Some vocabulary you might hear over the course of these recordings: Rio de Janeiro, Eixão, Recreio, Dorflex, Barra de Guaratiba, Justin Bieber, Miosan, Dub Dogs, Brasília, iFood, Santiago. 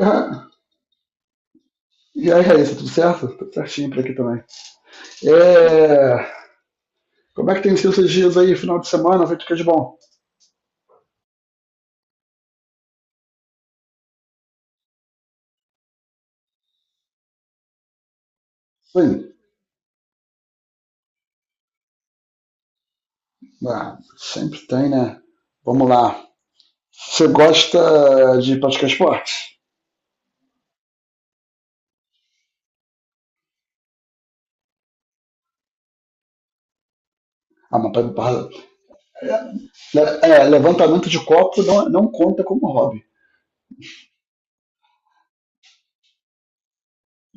Ah, e aí, Raíssa, tudo certo? Tudo certinho por aqui também. É, Como é que tem sido esses dias aí, final de semana? Feito o que é de bom? Sim, sempre tem, né? Vamos lá. Você gosta de praticar esporte? Ah, mas levantamento de copo não, conta como hobby.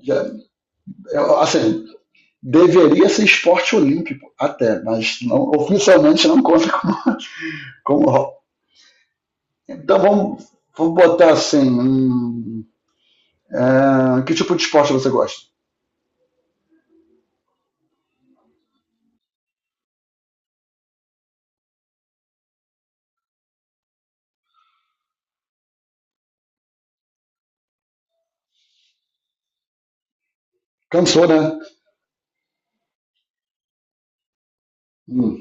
Já- assim, deveria ser esporte olímpico até, mas oficialmente não conta como, hobby. Então vamos botar assim, que tipo de esporte você gosta? Cansou, né? Hum,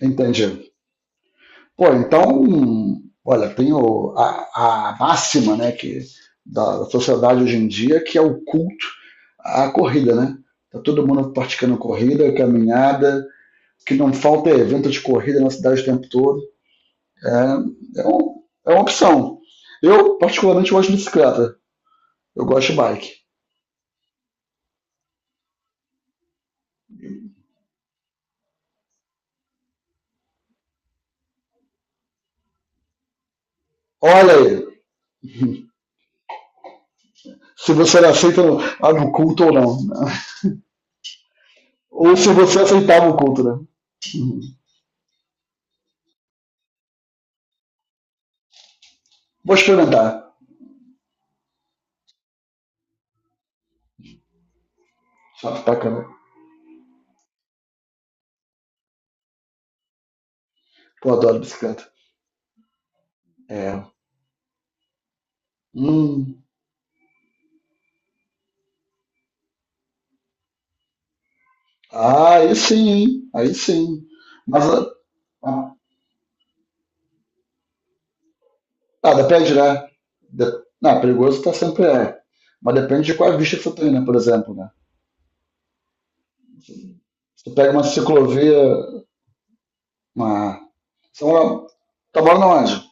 Entendi. Pô, então, olha, tem a, máxima, né, que da sociedade hoje em dia, que é o culto à corrida, né? Tá todo mundo praticando corrida, caminhada, o que não falta é evento de corrida na cidade o tempo todo. É, É uma opção. Eu, particularmente, gosto de bicicleta. Eu gosto de bike. Olha aí, se você aceita no culto ou não. Ou se você aceitava o culto, né? Vou experimentar. Só bacana. Eu adoro bicicleta. É. Hum. Ah, aí sim, hein? Aí sim. Mas. Ah, ah, depende, né? De... Não, perigoso tá sempre é. Mas depende de qual vista que você tem, né? Por exemplo, né? Você pega uma ciclovia, uma. São Paulo, tá morando onde?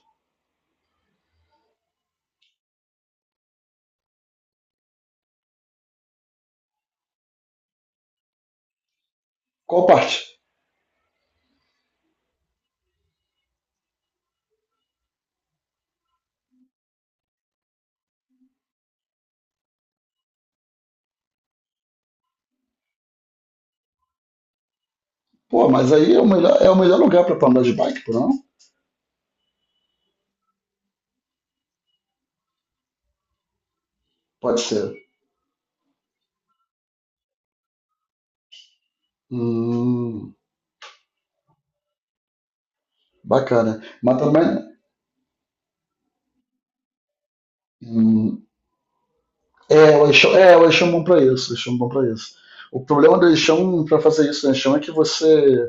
Qual parte? Pô, mas aí é o melhor lugar pra tu andar de bike, por não? Pode ser. Hum, Bacana. Mas também. hum, o Eixão, o Eixão é bom pra isso, o Eixão é bom pra isso. O problema do Eixão pra fazer isso no Eixão é que você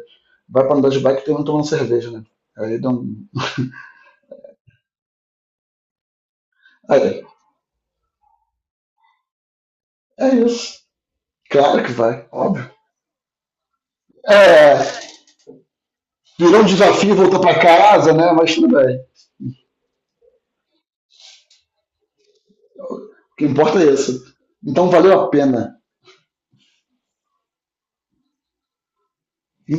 vai pra andar de bike e termina tomando cerveja, né? Aí dá um. Aí, é isso. Claro que vai, óbvio. É, Virou um desafio, voltou pra casa, né? Mas tudo bem. O que importa é isso. Então valeu a pena. E,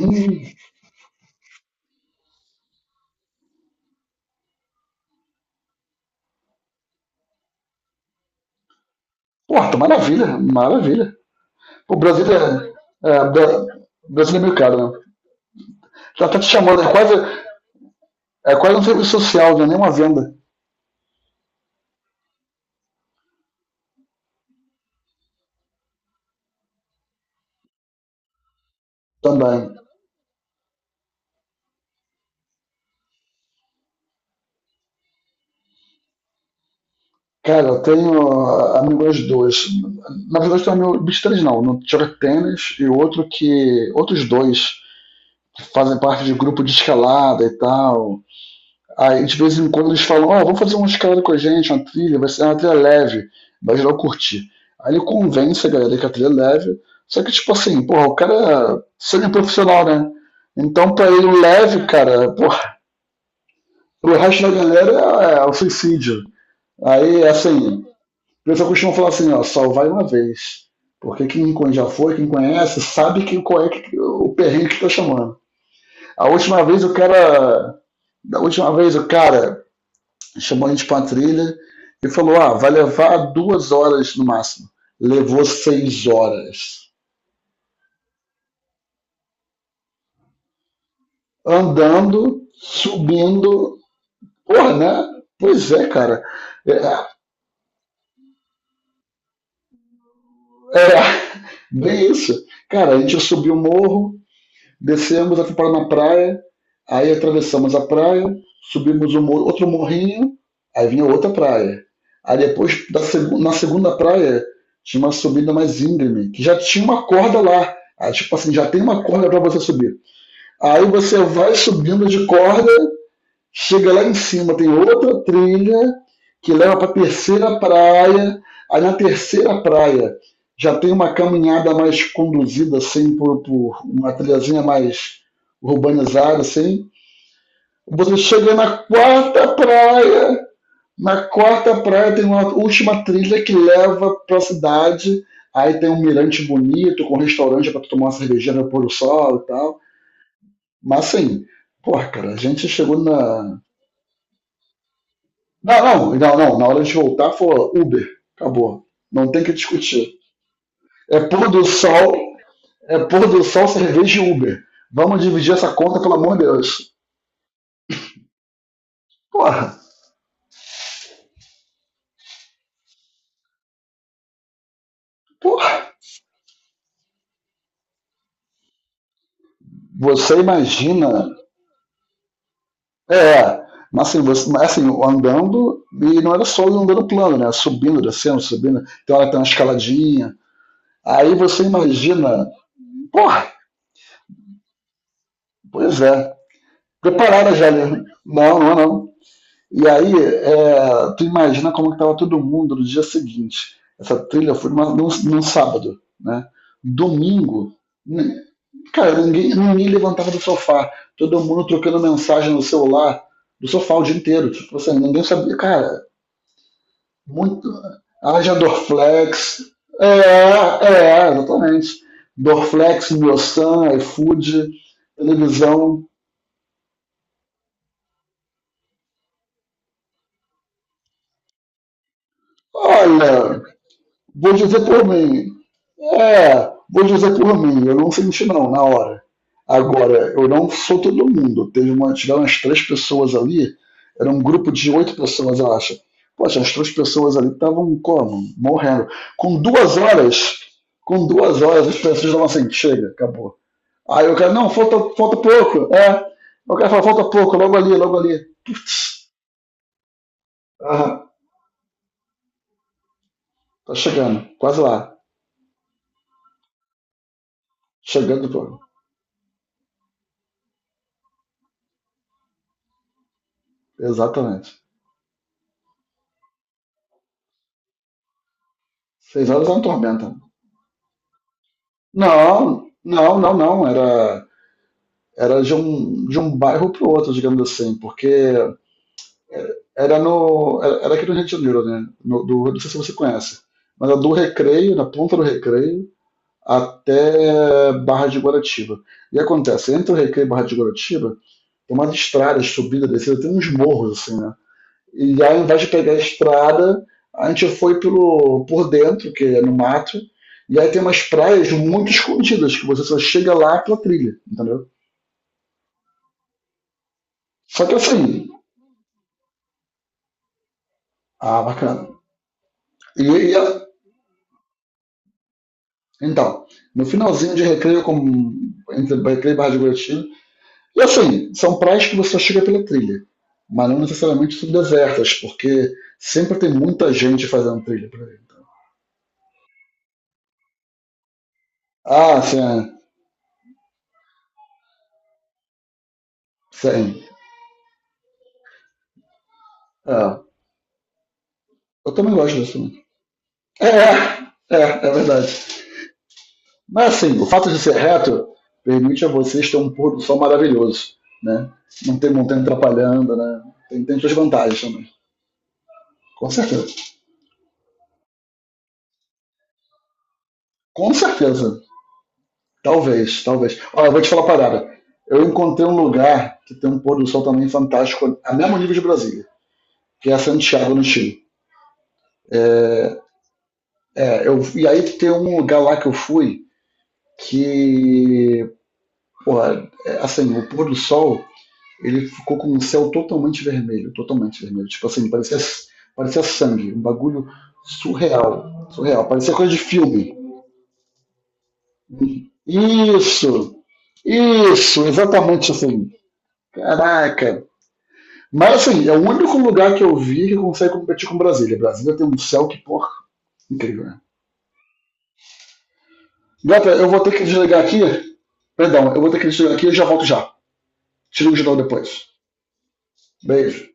Porra, maravilha, maravilha. O Brasil é. É Bra- Brasil é meio caro, né? Já tá te chamando, é quase um serviço social, não é nem uma venda também. Cara, eu tenho amigos dois. Na verdade, eu tenho amigo, bicho três não, no joga tênis e outro que. Outros dois que fazem parte de grupo de escalada e tal. Aí de vez em quando eles falam, ó, vamos fazer uma escalada com a gente, uma trilha, vai ser uma trilha leve, vai geral curtir. Aí ele convence a galera que a trilha é leve, só que tipo assim, porra, o cara é semi-profissional, né? Então pra ele o leve, cara, porra, pro resto da galera é o suicídio. Aí, assim, o pessoal costuma falar assim, ó, só vai uma vez. Porque quem já foi, quem conhece, sabe que qual é que, o perrengue que tá chamando. A última vez o cara. Da última vez o cara chamou a gente pra uma trilha e falou: ah, vai levar 2 horas no máximo. Levou 6 horas. Andando, subindo. Porra, né? Pois é, cara. É, é bem isso. Cara, a gente subiu o morro, descemos a fomos na praia, aí atravessamos a praia, subimos um, outro morrinho, aí vinha outra praia. Aí depois, na segunda praia, tinha uma subida mais íngreme, que já tinha uma corda lá. Aí, tipo assim, já tem uma corda para você subir. Aí você vai subindo de corda. Chega lá em cima, tem outra trilha que leva para a terceira praia. Aí na terceira praia já tem uma caminhada mais conduzida, assim, por uma trilhazinha mais urbanizada, assim. Você chega na quarta praia tem uma última trilha que leva para a cidade. Aí tem um mirante bonito, com restaurante para tomar uma cervejinha no pôr do sol e tal. Mas assim, porra, cara, a gente chegou na, não, não, não, não. Na hora de voltar, for Uber. Acabou. Não tem que discutir. É pôr do sol, é pôr do sol, cerveja e Uber. Vamos dividir essa conta, pelo amor de Deus. Porra, porra. Você imagina. É. Mas assim, andando, e não era só andando plano, né? Subindo, descendo, subindo. Tem hora que tem uma escaladinha. Aí você imagina. Porra, pois é. Preparada já, né? Não, não, não. E aí, tu imagina como que tava todo mundo no dia seguinte. Essa trilha foi num sábado, né? Domingo, n- cara, ninguém levantava do sofá. Todo mundo trocando mensagem no celular do sofá o dia inteiro. Tipo assim, ninguém sabia. Cara, muito. Haja Dorflex. Exatamente. Dorflex, Miosan, iFood, televisão. Olha, vou dizer por mim, vou dizer por mim, eu não senti não, na hora. Agora, eu não sou todo mundo. Tiveram umas três pessoas ali, era um grupo de oito pessoas, eu acho. Poxa, as três pessoas ali estavam como? Morrendo. Com duas horas, com 2 horas, as pessoas estavam assim, chega, acabou. Aí o cara, não, falta pouco. É. O cara fala, falta pouco, logo ali, logo ali. Putz, ah, tá chegando, quase lá. Chegando, pô. Exatamente. 6 horas é um tormenta. Não, não, não, não. Era de um bairro pro outro, digamos assim, porque era aqui no Rio de Janeiro, né? Não sei se você conhece, mas era do Recreio, na ponta do Recreio, até Barra de Guaratiba. E acontece, entre o Recreio e Barra de Guaratiba, tem umas estradas, subida, descida, tem uns morros, assim, né? E aí, ao invés de pegar a estrada, a gente foi por dentro, que é no mato, e aí tem umas praias muito escondidas, que você só chega lá pela trilha, entendeu? Só que assim, bacana. E então, no finalzinho de recreio, como entre recreio e Barra de Guaratinga, e assim, são praias que você só chega pela trilha, mas não necessariamente são desertas, porque sempre tem muita gente fazendo trilha por aí. Ah, sim. É, eu também gosto disso. É verdade. Mas assim, o fato de ser reto permite a vocês ter um pôr do sol maravilhoso, né? Não tem montanha atrapalhando, né? Tem suas vantagens também. Com certeza. Com certeza. Talvez, talvez. Olha, eu vou te falar uma parada. Eu encontrei um lugar que tem um pôr do sol também fantástico, a mesmo nível de Brasília, que é Santiago, no Chile. É, e aí tem um lugar lá que eu fui que, porra, assim, o pôr do sol ele ficou com o céu totalmente vermelho, totalmente vermelho. Tipo assim, parecia, sangue, um bagulho surreal, surreal, parecia coisa de filme. Isso, isso, exatamente assim. Caraca. Mas assim, é o único lugar que eu vi que consegue competir com Brasília. Brasília tem um céu que, porra, incrível, né? Gata, eu vou ter que desligar aqui. Perdão, eu vou ter que desligar aqui e já volto já. Tiro o geral depois. Beijo.